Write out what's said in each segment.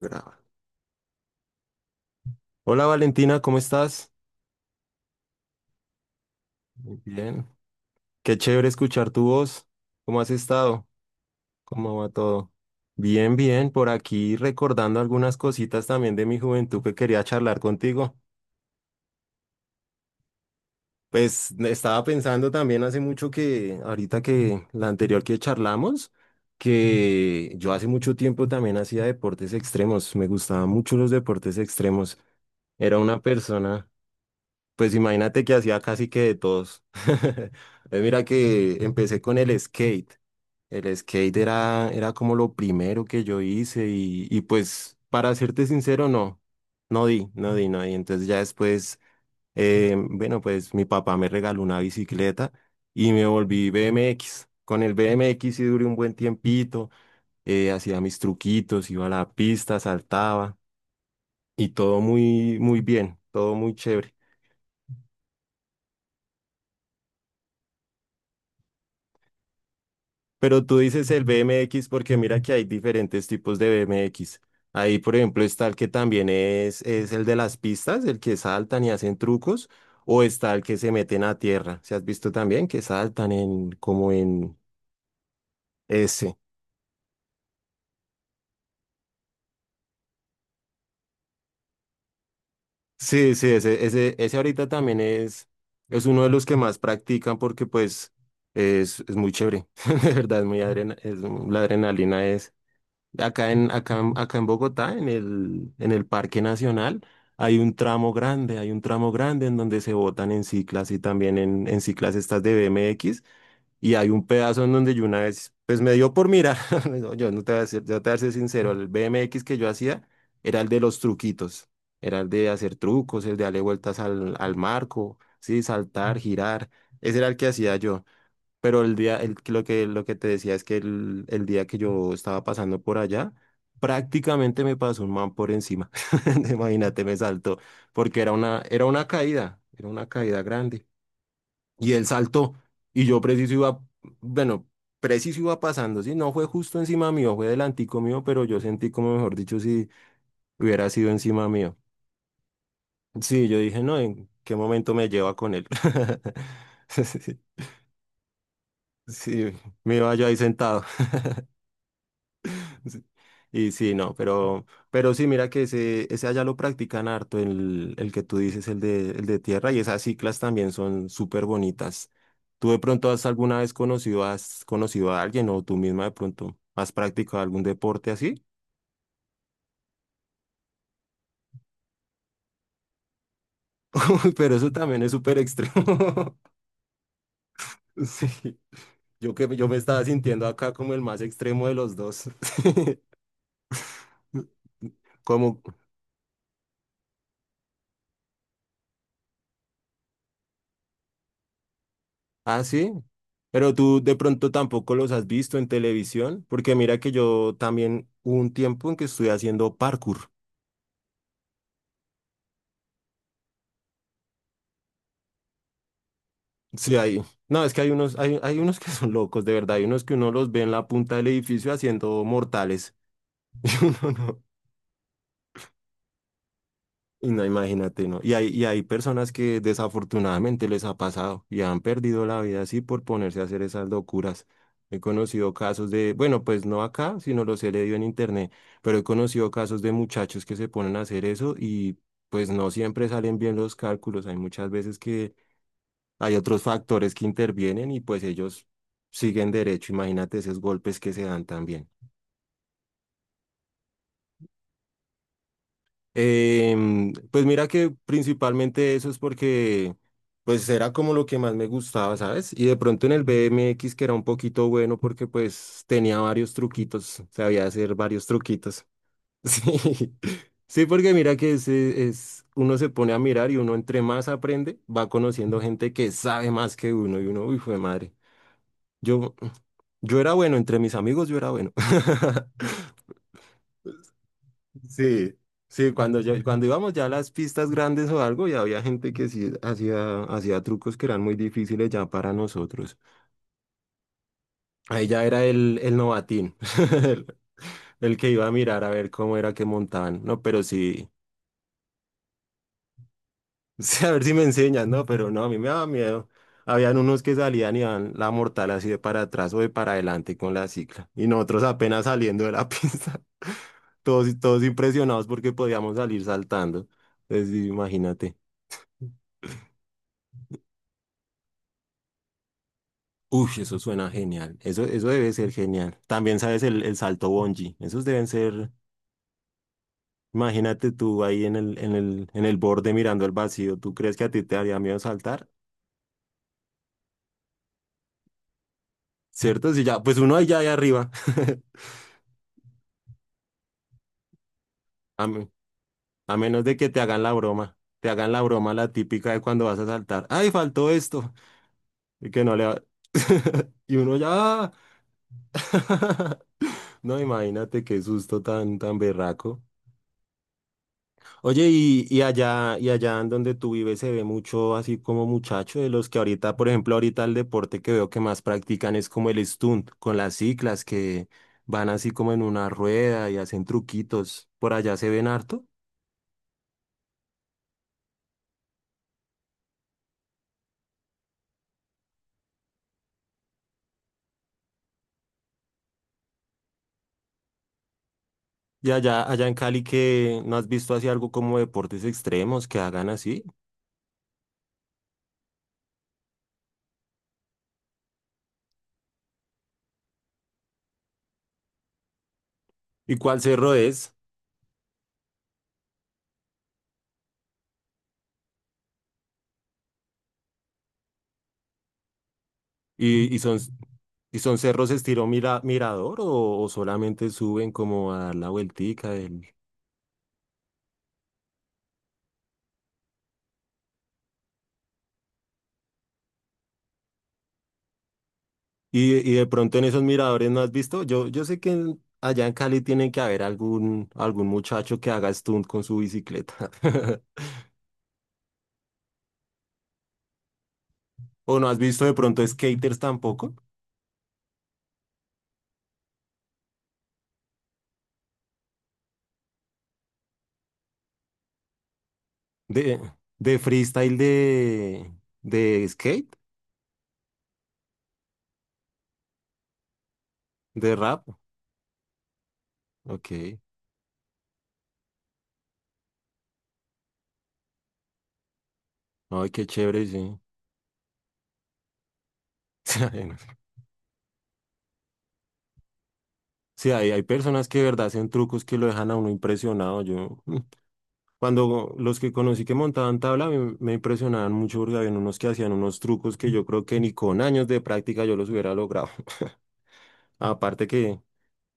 Graba. Hola Valentina, ¿cómo estás? Muy Bien, qué chévere escuchar tu voz. ¿Cómo has estado? ¿Cómo va todo? Bien, bien, por aquí recordando algunas cositas también de mi juventud que quería charlar contigo. Pues estaba pensando también hace mucho que, ahorita que la anterior que charlamos, que yo hace mucho tiempo también hacía deportes extremos, me gustaban mucho los deportes extremos. Era una persona... Pues imagínate que hacía casi que de todos. Mira que empecé con el skate. El skate era como lo primero que yo hice y pues para serte sincero, no, no di. Entonces ya después, bueno, pues mi papá me regaló una bicicleta y me volví BMX. Con el BMX sí duré un buen tiempito, hacía mis truquitos, iba a la pista, saltaba y todo muy, muy bien, todo muy chévere. Pero tú dices el BMX porque mira que hay diferentes tipos de BMX. Ahí, por ejemplo, está el que también es el de las pistas, el que saltan y hacen trucos, o está el que se meten a tierra. ¿Se has visto también que saltan en como en ese? Sí, sí, ese ahorita también es uno de los que más practican porque pues es muy chévere. De verdad, es muy adrena, es, la adrenalina. Acá en Bogotá, en el Parque Nacional, hay un tramo grande en donde se botan en ciclas y también en ciclas estas de BMX. Y hay un pedazo en donde yo una vez, pues me dio por mirar, no, yo no te voy a ser, yo te voy a ser sincero, el BMX que yo hacía era el de los truquitos, era el de hacer trucos, el de darle vueltas al marco, sí, saltar, girar, ese era el que hacía yo. Lo que, lo que te decía es que el día que yo estaba pasando por allá, prácticamente me pasó un man por encima. Imagínate, me saltó, porque era era una caída grande. Y él saltó, y yo preciso iba, bueno, preciso iba pasando, sí, no fue justo encima mío, fue delantico mío, pero yo sentí como, mejor dicho, si hubiera sido encima mío. Sí, yo dije, no, ¿en qué momento me lleva con él? Sí, sí, me iba yo ahí sentado. Sí. Y sí, no, pero sí, mira que ese allá lo practican harto, el que tú dices, el de tierra, y esas ciclas también son súper bonitas. ¿Tú de pronto has conocido a alguien o tú misma de pronto has practicado algún deporte así? Pero eso también es súper extremo. Sí, yo me estaba sintiendo acá como el más extremo de los dos. Como, ah, sí. Pero tú de pronto tampoco los has visto en televisión, porque mira que yo también hubo un tiempo en que estuve haciendo parkour. Sí, hay. No, es que hay unos, hay unos que son locos, de verdad. Hay unos que uno los ve en la punta del edificio haciendo mortales. Y uno no. Y no, imagínate, ¿no? Y hay personas que desafortunadamente les ha pasado y han perdido la vida así por ponerse a hacer esas locuras. He conocido casos de, bueno, pues no acá, sino los he leído en internet, pero he conocido casos de muchachos que se ponen a hacer eso y pues no siempre salen bien los cálculos. Hay muchas veces que hay otros factores que intervienen y pues ellos siguen derecho. Imagínate esos golpes que se dan también. Pues mira que principalmente eso es porque pues era como lo que más me gustaba, ¿sabes? Y de pronto en el BMX que era un poquito bueno porque pues tenía varios truquitos, sabía hacer varios truquitos. Sí, sí, porque mira que uno se pone a mirar y uno entre más aprende va conociendo gente que sabe más que uno y uno, uy, fue madre. Yo, yo era bueno, entre mis amigos yo era bueno. Sí, sí, cuando íbamos ya a las pistas grandes o algo, ya había gente que sí hacía trucos que eran muy difíciles ya para nosotros. Ahí ya era el novatín, el, el que iba a mirar a ver cómo era que montaban. No, pero sí, sí, a ver si me enseñan, no, pero no, a mí me daba miedo. Habían unos que salían y iban la mortal así de para atrás o de para adelante con la cicla. Y nosotros apenas saliendo de la pista, todos impresionados porque podíamos salir saltando. Entonces, sí, imagínate. Uy, eso suena genial. Eso debe ser genial. También sabes el salto bungee. Esos deben ser, imagínate tú ahí en el borde mirando al vacío. ¿Tú crees que a ti te haría miedo saltar? ¿Cierto? Si ya, pues uno ahí ya ahí arriba. A, me- a menos de que te hagan la broma. Te hagan la broma la típica de cuando vas a saltar. ¡Ay, faltó esto! Y que no le va- Y uno ya. No, imagínate qué susto tan, tan berraco. Oye, y allá en donde tú vives se ve mucho así como muchacho de los que ahorita, por ejemplo, ahorita el deporte que veo que más practican es como el stunt, con las ciclas que van así como en una rueda y hacen truquitos. Por allá se ven harto. Y allá, allá en Cali que no has visto así algo como deportes extremos que hagan así. ¿Y cuál cerro es? ¿Y, y son, y son cerros estilo mira, mirador o solamente suben como a dar la vueltica? Y de pronto en esos miradores no has visto, yo sé que en- allá en Cali tiene que haber algún, algún muchacho que haga stunt con su bicicleta. ¿O no has visto de pronto skaters tampoco? De, de freestyle de, de skate, de rap. Ok. Ay, qué chévere, sí. Sí, hay personas que de verdad hacen trucos que lo dejan a uno impresionado. Yo. Cuando los que conocí que montaban tabla me impresionaban mucho porque habían unos que hacían unos trucos que yo creo que ni con años de práctica yo los hubiera logrado. Aparte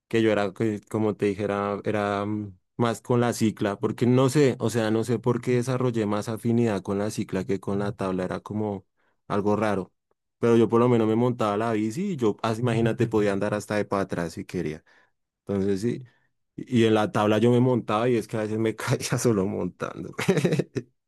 que yo era, que, como te dijera, era más con la cicla, porque no sé, o sea, no sé por qué desarrollé más afinidad con la cicla que con la tabla, era como algo raro. Pero yo por lo menos me montaba la bici y yo, ah, imagínate, podía andar hasta de para atrás si quería. Entonces sí, y en la tabla yo me montaba y es que a veces me caía solo montando.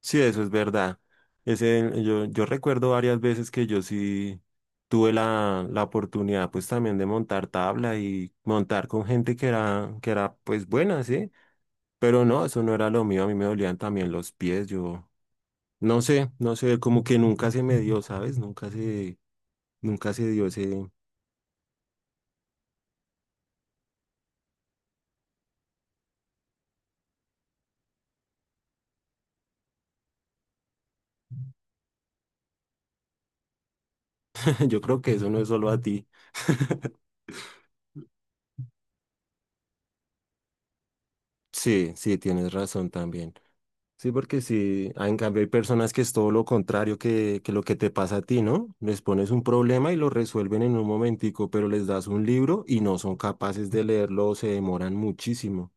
Sí, eso es verdad. Ese, yo recuerdo varias veces que yo sí tuve la oportunidad pues también de montar tabla y montar con gente que que era pues buena, ¿sí? Pero no, eso no era lo mío, a mí me dolían también los pies, yo no sé, no sé, como que nunca se me dio, ¿sabes? Nunca se, nunca se dio ese, yo creo que eso no es solo a ti. Sí, sí, tienes razón también. Sí, porque sí, ah, en cambio hay personas que es todo lo contrario que lo que te pasa a ti, ¿no? Les pones un problema y lo resuelven en un momentico, pero les das un libro y no son capaces de leerlo o se demoran muchísimo.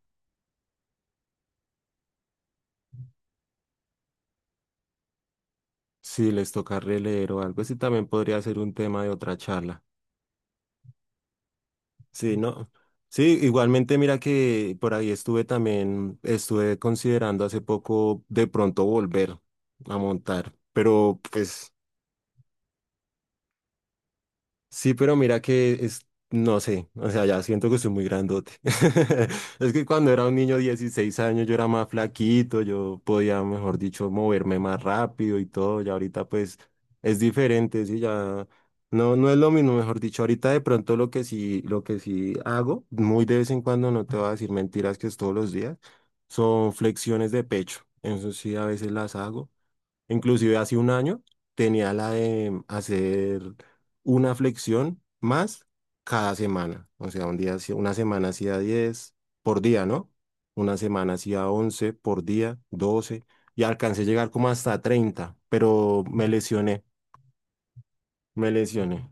Sí, les toca releer o algo sí también podría ser un tema de otra charla. Sí, ¿no? Sí, igualmente mira que por ahí estuve también, estuve considerando hace poco de pronto volver a montar, pero pues... Sí, pero mira que es, no sé, o sea, ya siento que soy muy grandote. Es que cuando era un niño de 16 años yo era más flaquito, yo podía, mejor dicho, moverme más rápido y todo, y ahorita pues es diferente, sí, ya no, no es lo mismo, mejor dicho, ahorita de pronto lo que sí hago, muy de vez en cuando, no te voy a decir mentiras que es todos los días, son flexiones de pecho, eso sí a veces las hago. Inclusive hace un año tenía la de hacer una flexión más cada semana. O sea, una semana hacía 10 por día, ¿no? Una semana hacía 11 por día, 12 y alcancé a llegar como hasta 30, pero me lesioné, me lesioné.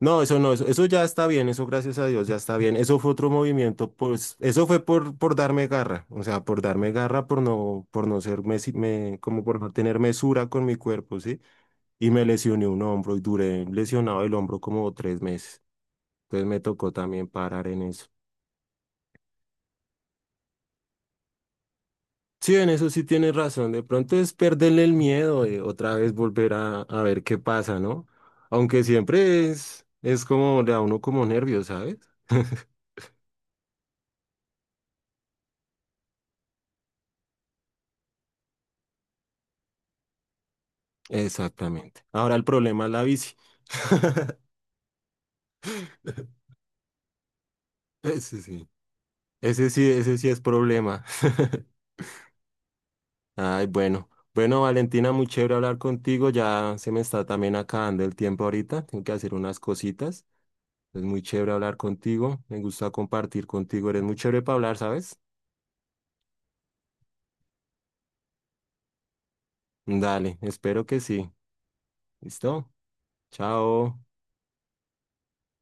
No, eso no, eso ya está bien, eso gracias a Dios ya está bien. Eso fue otro movimiento, pues eso fue por darme garra, o sea, por darme garra, por no ser, como por no tener mesura con mi cuerpo, ¿sí? Y me lesioné un hombro y duré lesionado el hombro como 3 meses. Entonces me tocó también parar en eso. Sí, en eso sí tienes razón. De pronto es perderle el miedo, otra vez volver a ver qué pasa, ¿no? Aunque siempre es como, le da a uno como nervios, ¿sabes? Exactamente. Ahora el problema es la bici. Ese sí, ese sí es problema. Ay, bueno. Bueno, Valentina, muy chévere hablar contigo. Ya se me está también acabando el tiempo ahorita. Tengo que hacer unas cositas. Es muy chévere hablar contigo. Me gusta compartir contigo. Eres muy chévere para hablar, ¿sabes? Dale, espero que sí. ¿Listo? Chao.